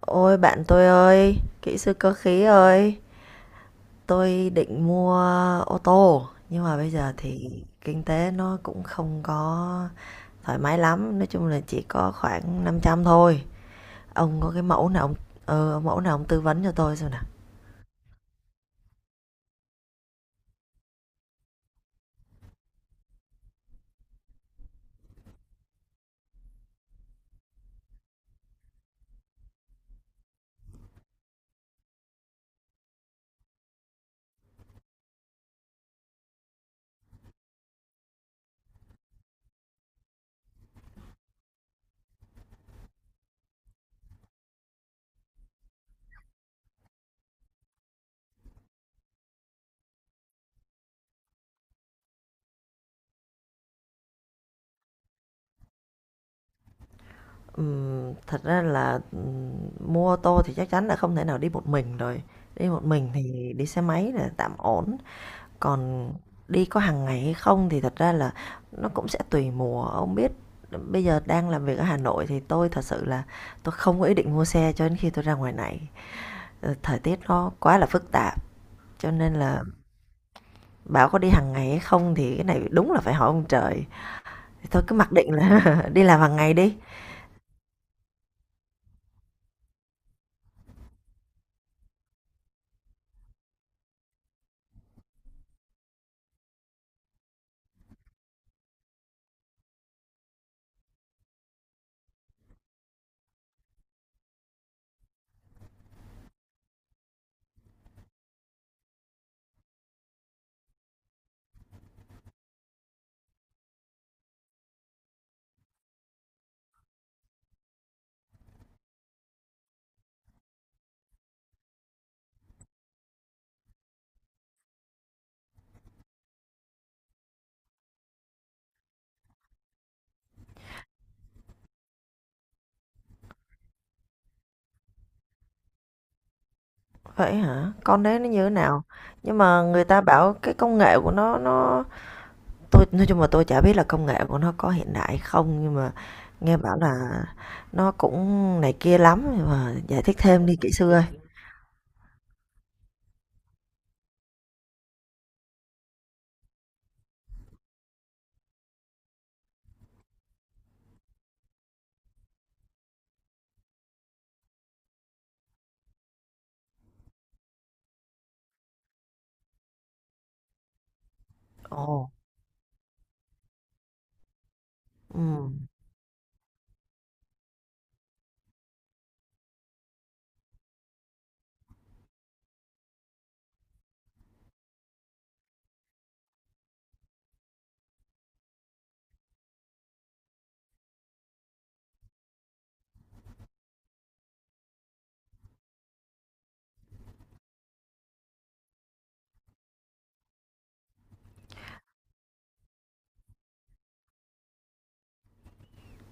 Ôi bạn tôi ơi, kỹ sư cơ khí ơi, tôi định mua ô tô nhưng mà bây giờ thì kinh tế nó cũng không có thoải mái lắm, nói chung là chỉ có khoảng 500 thôi. Ông có cái mẫu nào ông ông mẫu nào ông tư vấn cho tôi xem nào. Thật ra là mua ô tô thì chắc chắn là không thể nào đi một mình rồi. Đi một mình thì đi xe máy là tạm ổn. Còn đi có hàng ngày hay không thì thật ra là nó cũng sẽ tùy mùa, ông biết bây giờ đang làm việc ở Hà Nội thì tôi thật sự là tôi không có ý định mua xe cho đến khi tôi ra ngoài này. Ờ, thời tiết nó quá là phức tạp, cho nên là bảo có đi hàng ngày hay không thì cái này đúng là phải hỏi ông trời. Thì thôi cứ mặc định là đi làm hàng ngày đi. Vậy hả? Con đấy nó như thế nào? Nhưng mà người ta bảo cái công nghệ của nó nó. Tôi nói chung là tôi chả biết là công nghệ của nó có hiện đại không, nhưng mà nghe bảo là nó cũng này kia lắm, nhưng mà giải thích thêm đi kỹ sư ơi. Ồ, ừm,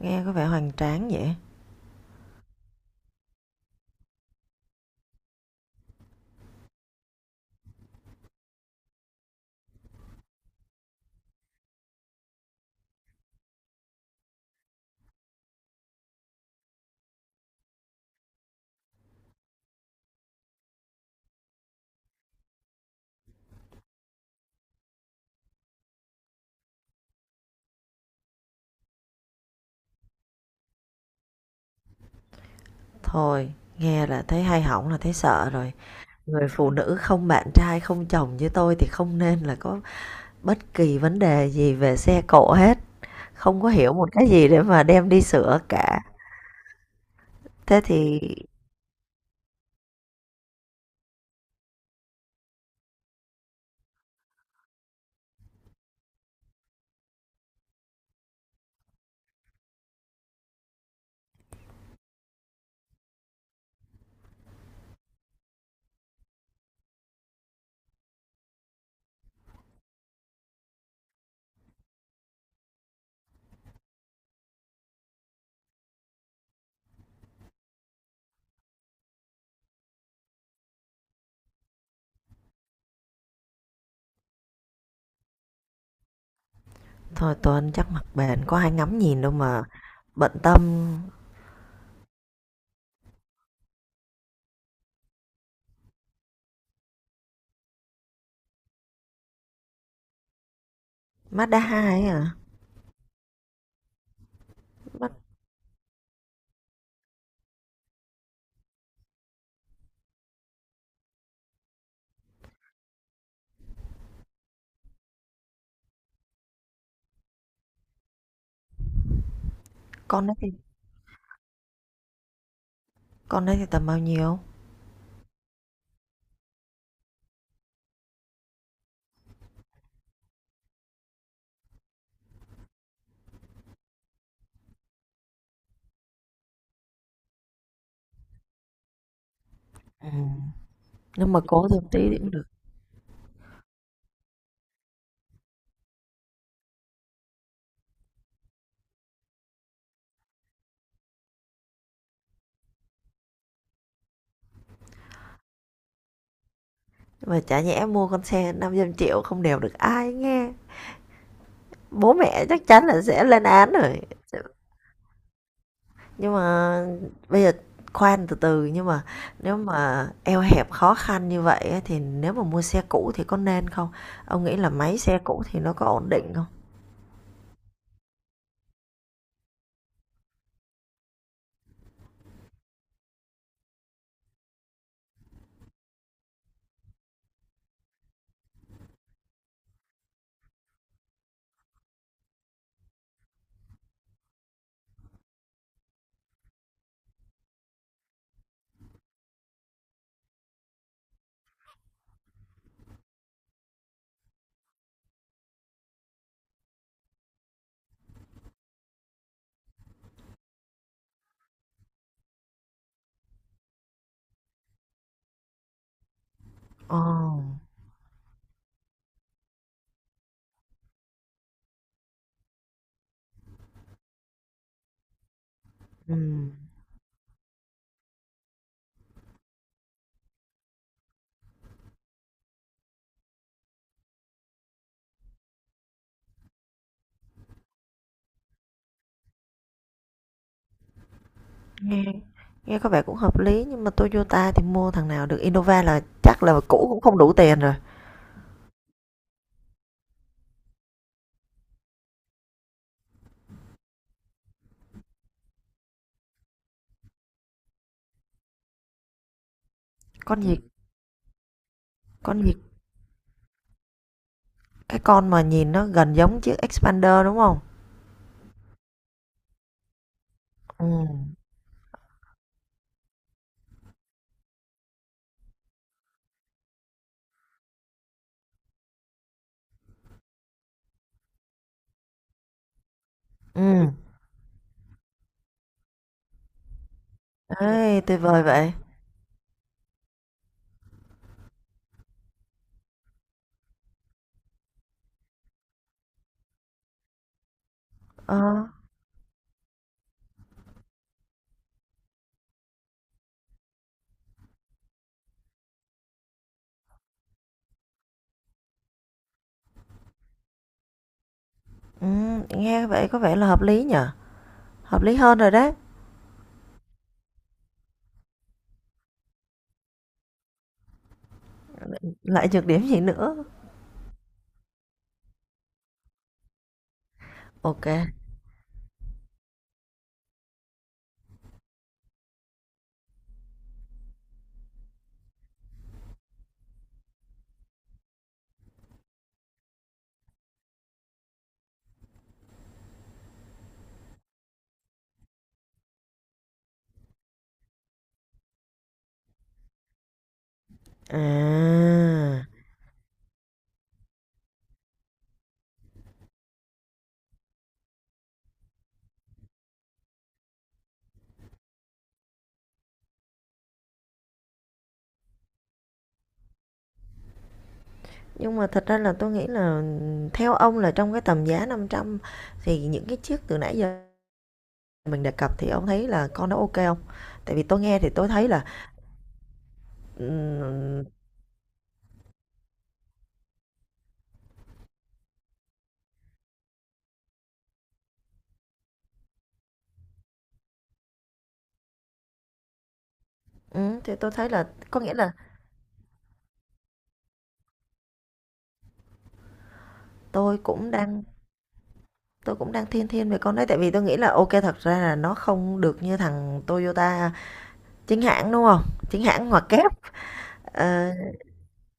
nghe có vẻ hoành tráng vậy. Thôi, nghe là thấy hay hỏng là thấy sợ rồi. Người phụ nữ không bạn trai, không chồng như tôi thì không nên là có bất kỳ vấn đề gì về xe cộ hết. Không có hiểu một cái gì để mà đem đi sửa cả. Thế thì thôi Tuấn chắc mặt bền có ai ngắm nhìn đâu mà bận tâm. Mazda 2 ấy à? Mắt con đấy thì con đấy thì tầm bao nhiêu? Ừ. Nếu mà cố thêm tí thì cũng được. Mà chả nhẽ mua con xe 500 triệu không đều được ai nghe. Bố mẹ chắc chắn là sẽ lên án rồi. Nhưng mà bây giờ khoan từ từ nhưng mà nếu mà eo hẹp khó khăn như vậy ấy, thì nếu mà mua xe cũ thì có nên không? Ông nghĩ là máy xe cũ thì nó có ổn định không? Ồ. Ừ. Nghe Nghe có vẻ cũng hợp lý nhưng mà Toyota thì mua thằng nào được Innova là chắc là cũ cũng không đủ tiền rồi. Con gì? Con gì? Cái con mà nhìn nó gần giống chiếc Expander đúng không? Ừ. Ừ. Ê, tuyệt vời vậy. Ờ. Ừ, nghe vậy có vẻ là hợp lý nhở. Hợp lý hơn rồi đấy. Lại nhược điểm gì nữa? Ok. À. Nhưng mà thật ra là tôi nghĩ là theo ông là trong cái tầm giá 500 thì những cái chiếc từ nãy giờ mình đề cập thì ông thấy là con đó ok không? Tại vì tôi nghe thì tôi thấy là, ừm, thì tôi thấy là có nghĩa là tôi cũng đang tôi cũng đang thiên thiên về con đấy, tại vì tôi nghĩ là ok thật ra là nó không được như thằng Toyota chính hãng, đúng không? Chính hãng ngoặc kép. Ờ,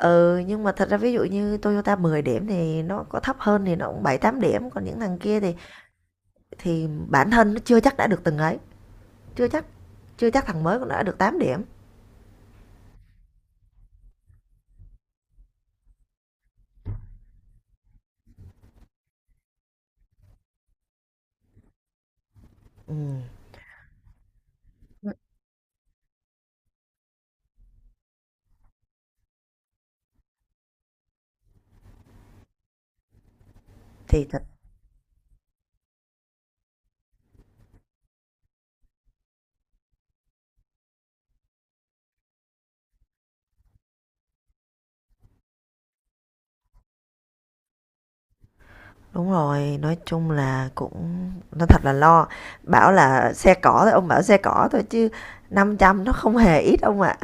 ừ, nhưng mà thật ra ví dụ như Toyota 10 điểm thì nó có thấp hơn thì nó cũng 7 8 điểm, còn những thằng kia thì bản thân nó chưa chắc đã được từng ấy, chưa chắc chưa chắc thằng mới cũng đã được tám điểm. Ừm, thì thật. Đúng rồi, nói chung là cũng nó thật là lo. Bảo là xe cỏ thôi, ông bảo xe cỏ thôi chứ 500 nó không hề ít ông ạ.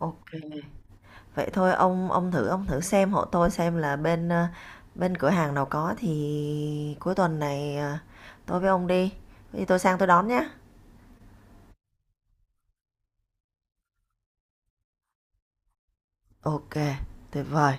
OK, vậy thôi ông thử xem hộ tôi xem là bên, bên cửa hàng nào có thì cuối tuần này, tôi với ông đi, có tôi sang tôi đón nhá. OK, tuyệt vời.